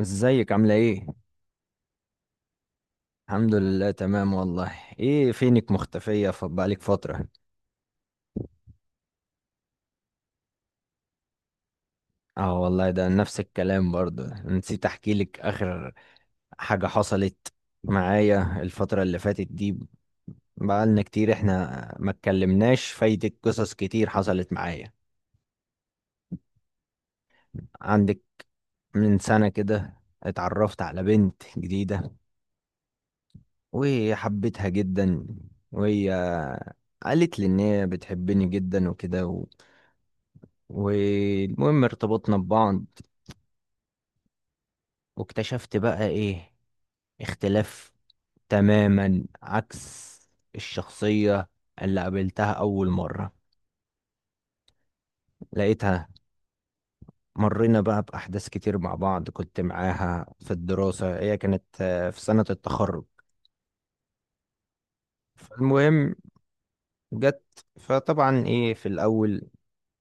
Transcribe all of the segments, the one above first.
ازيك عاملة ايه؟ الحمد لله تمام والله. ايه فينك مختفية؟ بقالك فترة. اه والله ده نفس الكلام. برضو نسيت احكي لك اخر حاجة حصلت معايا الفترة اللي فاتت دي. بقالنا كتير احنا ما اتكلمناش، فايتك قصص كتير حصلت معايا. عندك من سنة كده اتعرفت على بنت جديدة وحبيتها جدا، وهي قالت لي ان هي بتحبني جدا وكده والمهم ارتبطنا ببعض. واكتشفت بقى ايه؟ اختلاف تماما عكس الشخصية اللي قابلتها أول مرة، لقيتها. مرينا بقى بأحداث كتير مع بعض. كنت معاها في الدراسة، هي كانت في سنة التخرج. فالمهم جت، فطبعا ايه في الأول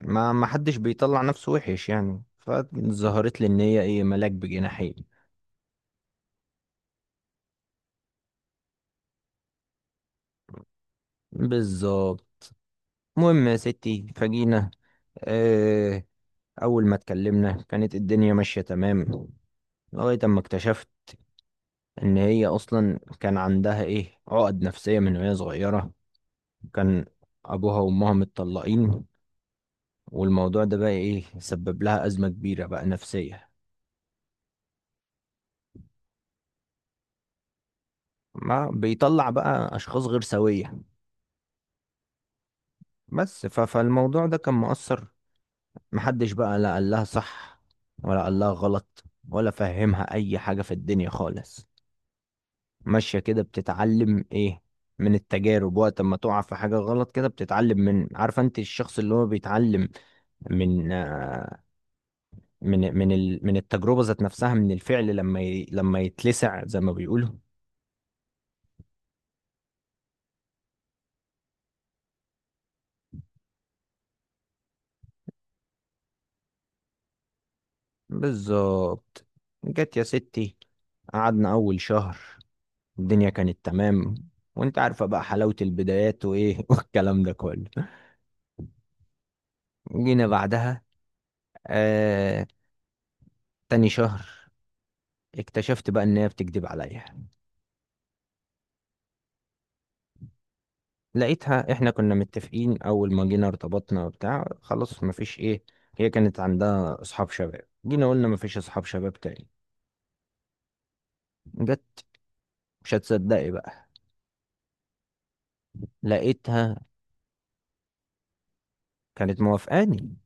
ما حدش بيطلع نفسه وحش يعني، فظهرت لي ان هي ايه، ملاك بجناحين. بالظبط. المهم يا ستي فجينا، آه، أول ما اتكلمنا كانت الدنيا ماشية تمام، لغاية أما اكتشفت إن هي أصلا كان عندها إيه، عقد نفسية من وهي صغيرة. كان أبوها وأمها متطلقين، والموضوع ده بقى إيه، سبب لها أزمة كبيرة بقى نفسية. ما بيطلع بقى أشخاص غير سوية. بس فالموضوع ده كان مؤثر. محدش بقى لا قال لها صح، ولا قال لها غلط، ولا فهمها أي حاجة في الدنيا خالص. ماشية كده بتتعلم ايه، من التجارب. وقت ما تقع في حاجة غلط كده بتتعلم، من، عارفة انت الشخص اللي هو بيتعلم من من من ال من التجربة ذات نفسها، من الفعل، لما لما يتلسع زي ما بيقولوا. بالظبط. جت يا ستي قعدنا أول شهر الدنيا كانت تمام، وانت عارفة بقى حلاوة البدايات وايه والكلام ده كله. جينا بعدها آه تاني شهر، اكتشفت بقى ان هي بتكذب عليا. لقيتها، احنا كنا متفقين اول ما جينا ارتبطنا وبتاع، خلاص مفيش ايه. هي كانت عندها اصحاب شباب، جينا قلنا مفيش اصحاب شباب تاني. جت، مش هتصدقي بقى، لقيتها. كانت موافقاني،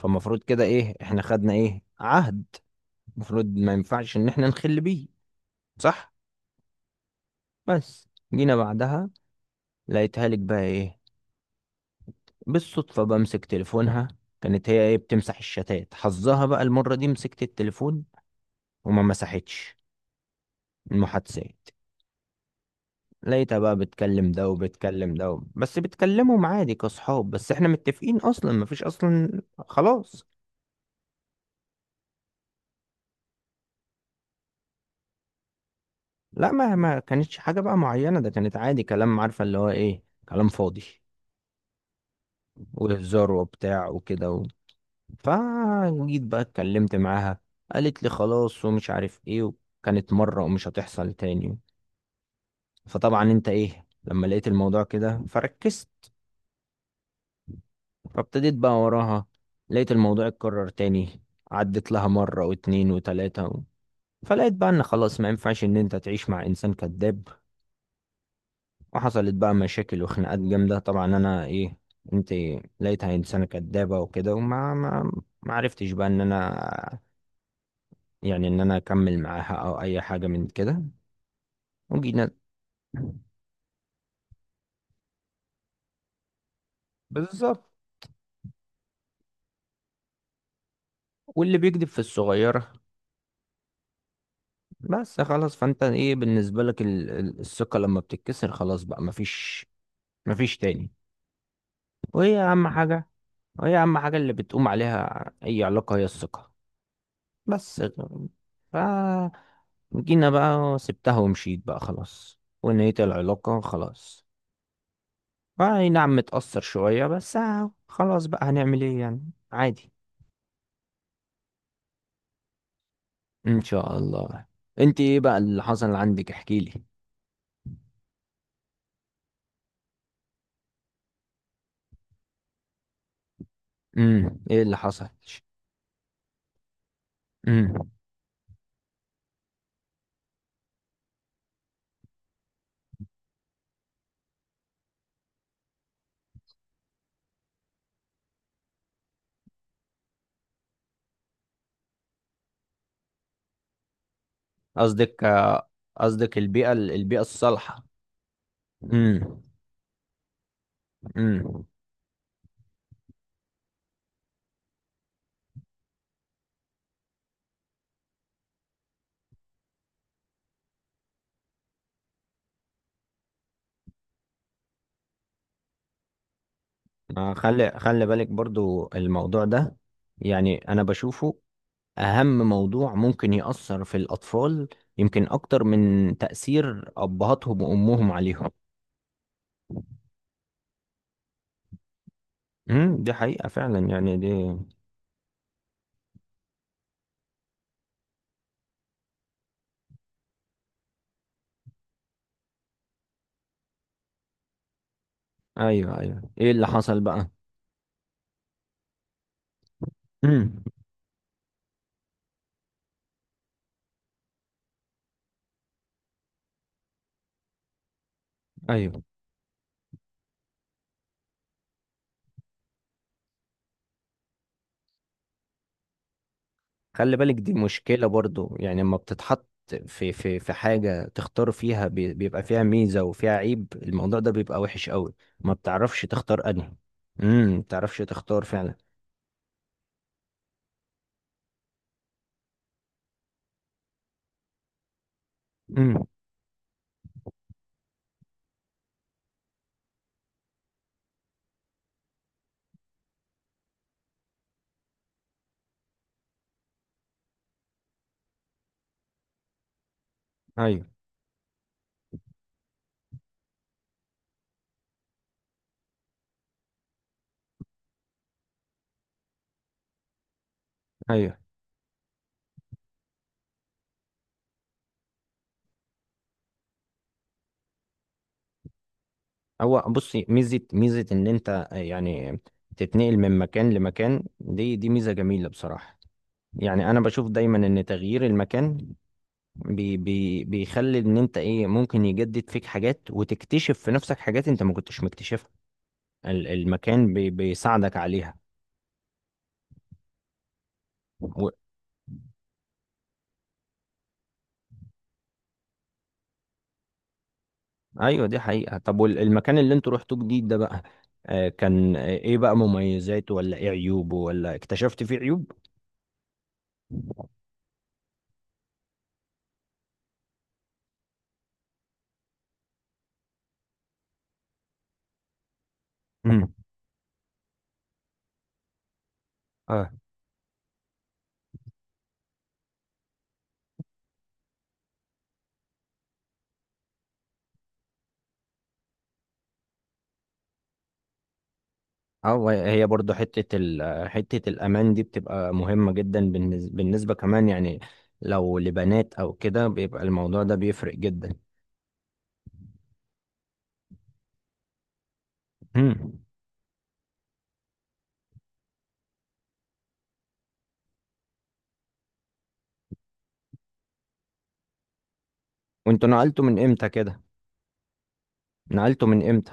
فالمفروض كده ايه، احنا خدنا ايه، عهد. المفروض ما ينفعش ان احنا نخل بيه، صح؟ بس جينا بعدها لقيتها لك بقى ايه، بالصدفة بمسك تليفونها. كانت هي ايه بتمسح الشتات، حظها بقى المرة دي مسكت التليفون وما مسحتش المحادثات. ليتها بقى بتكلم ده وبتكلم ده، بس بتكلمهم عادي كصحاب، بس احنا متفقين اصلا مفيش اصلا. خلاص. لا ما كانتش حاجة بقى معينة، ده كانت عادي كلام، عارفة اللي هو ايه، كلام فاضي وهزار وبتاع وكده فجيت بقى اتكلمت معاها، قالت لي خلاص ومش عارف ايه، وكانت مرة ومش هتحصل تاني. فطبعا انت ايه لما لقيت الموضوع كده فركزت، فابتديت بقى وراها. لقيت الموضوع اتكرر تاني، عدت لها مرة واتنين وتلاتة. فلقيت بقى ان خلاص ما ينفعش ان انت تعيش مع انسان كذاب. وحصلت بقى مشاكل وخناقات جامده. طبعا انا ايه، انت لقيتها انسانه كذابه وكده، وما ما عرفتش بقى ان انا يعني ان انا اكمل معاها او اي حاجه من كده. وجينا بالظبط. واللي بيكذب في الصغيره، بس خلاص. فانت ايه بالنسبه لك، الثقه لما بتتكسر خلاص بقى مفيش، مفيش تاني. وهي اهم حاجه وهي اهم حاجه اللي بتقوم عليها اي علاقه، هي الثقه. بس ف جينا بقى وسبتها ومشيت بقى خلاص، ونهيت العلاقة خلاص. اي نعم متأثر شوية بس، خلاص بقى، هنعمل ايه يعني، عادي. ان شاء الله. انت ايه بقى اللي حصل عندك؟ احكيلي. ايه اللي حصل؟ امم قصدك آه، قصدك البيئة الصالحة. امم امم خلي خلي بالك برضو الموضوع ده، يعني انا بشوفه أهم موضوع ممكن يأثر في الأطفال، يمكن أكتر من تأثير أبهاتهم وأمهم عليهم. دي حقيقة فعلا يعني دي. أيوه أيوه إيه اللي حصل بقى؟ امم أيوه، خلي بالك دي مشكلة برضو، يعني لما بتتحط في حاجة تختار فيها، بيبقى فيها ميزة وفيها عيب، الموضوع ده بيبقى وحش قوي، ما بتعرفش تختار أنهي. ما بتعرفش تختار فعلا. امم أيوه أيوه. هو بصي، ميزة ميزة إن أنت يعني تتنقل من مكان لمكان، دي ميزة جميلة بصراحة، يعني أنا بشوف دايما إن تغيير المكان بي بي بيخلي إن أنت إيه ممكن يجدد فيك حاجات وتكتشف في نفسك حاجات أنت ما كنتش مكتشفها. المكان بيساعدك عليها و... أيوة دي حقيقة. طب والمكان اللي أنتوا رحتوه جديد ده بقى، كان إيه بقى مميزاته؟ ولا إيه عيوبه؟ ولا اكتشفت فيه عيوب؟ مم. اه هي برضو حتة، حتة الأمان دي بتبقى مهمة جدا بالنسبة كمان، يعني لو لبنات أو كده بيبقى الموضوع ده بيفرق جدا. هم. وانتوا نقلتوا من امتى كده؟ نقلتوا من امتى؟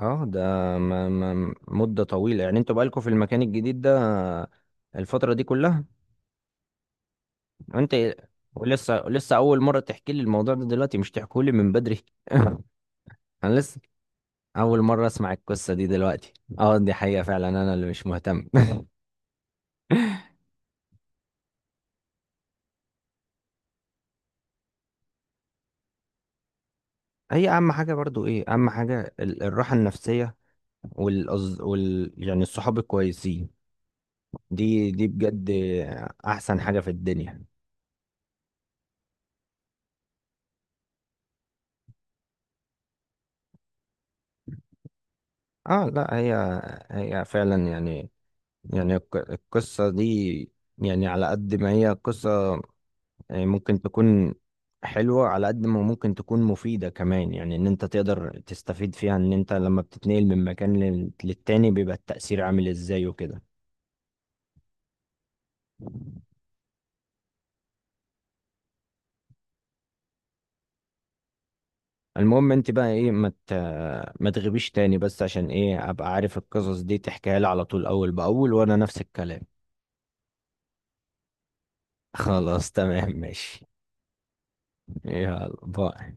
اه ده ما مدة طويلة يعني، انتوا بقالكوا في المكان الجديد ده الفترة دي كلها؟ انت ولسه، لسه أول مرة تحكي لي الموضوع ده دلوقتي؟ مش تحكوا لي من بدري. أنا لسه أول مرة أسمع القصة دي دلوقتي. اه دي حقيقة فعلا أنا اللي مش مهتم. هي اهم حاجه برضو، ايه اهم حاجه، الراحه النفسيه، والأز... وال يعني الصحاب الكويسين. دي بجد احسن حاجه في الدنيا. اه لا هي، هي فعلا يعني، يعني القصه دي، يعني على قد ما هي قصه يعني ممكن تكون حلوه، على قد ما ممكن تكون مفيده كمان. يعني ان انت تقدر تستفيد فيها ان انت لما بتتنقل من مكان للتاني بيبقى التأثير عامل ازاي وكده. المهم انت بقى ايه، ما تغيبيش تاني بس، عشان ايه، ابقى عارف القصص دي تحكيها لي على طول اول باول، وانا نفس الكلام. خلاص تمام ماشي. يلا باي.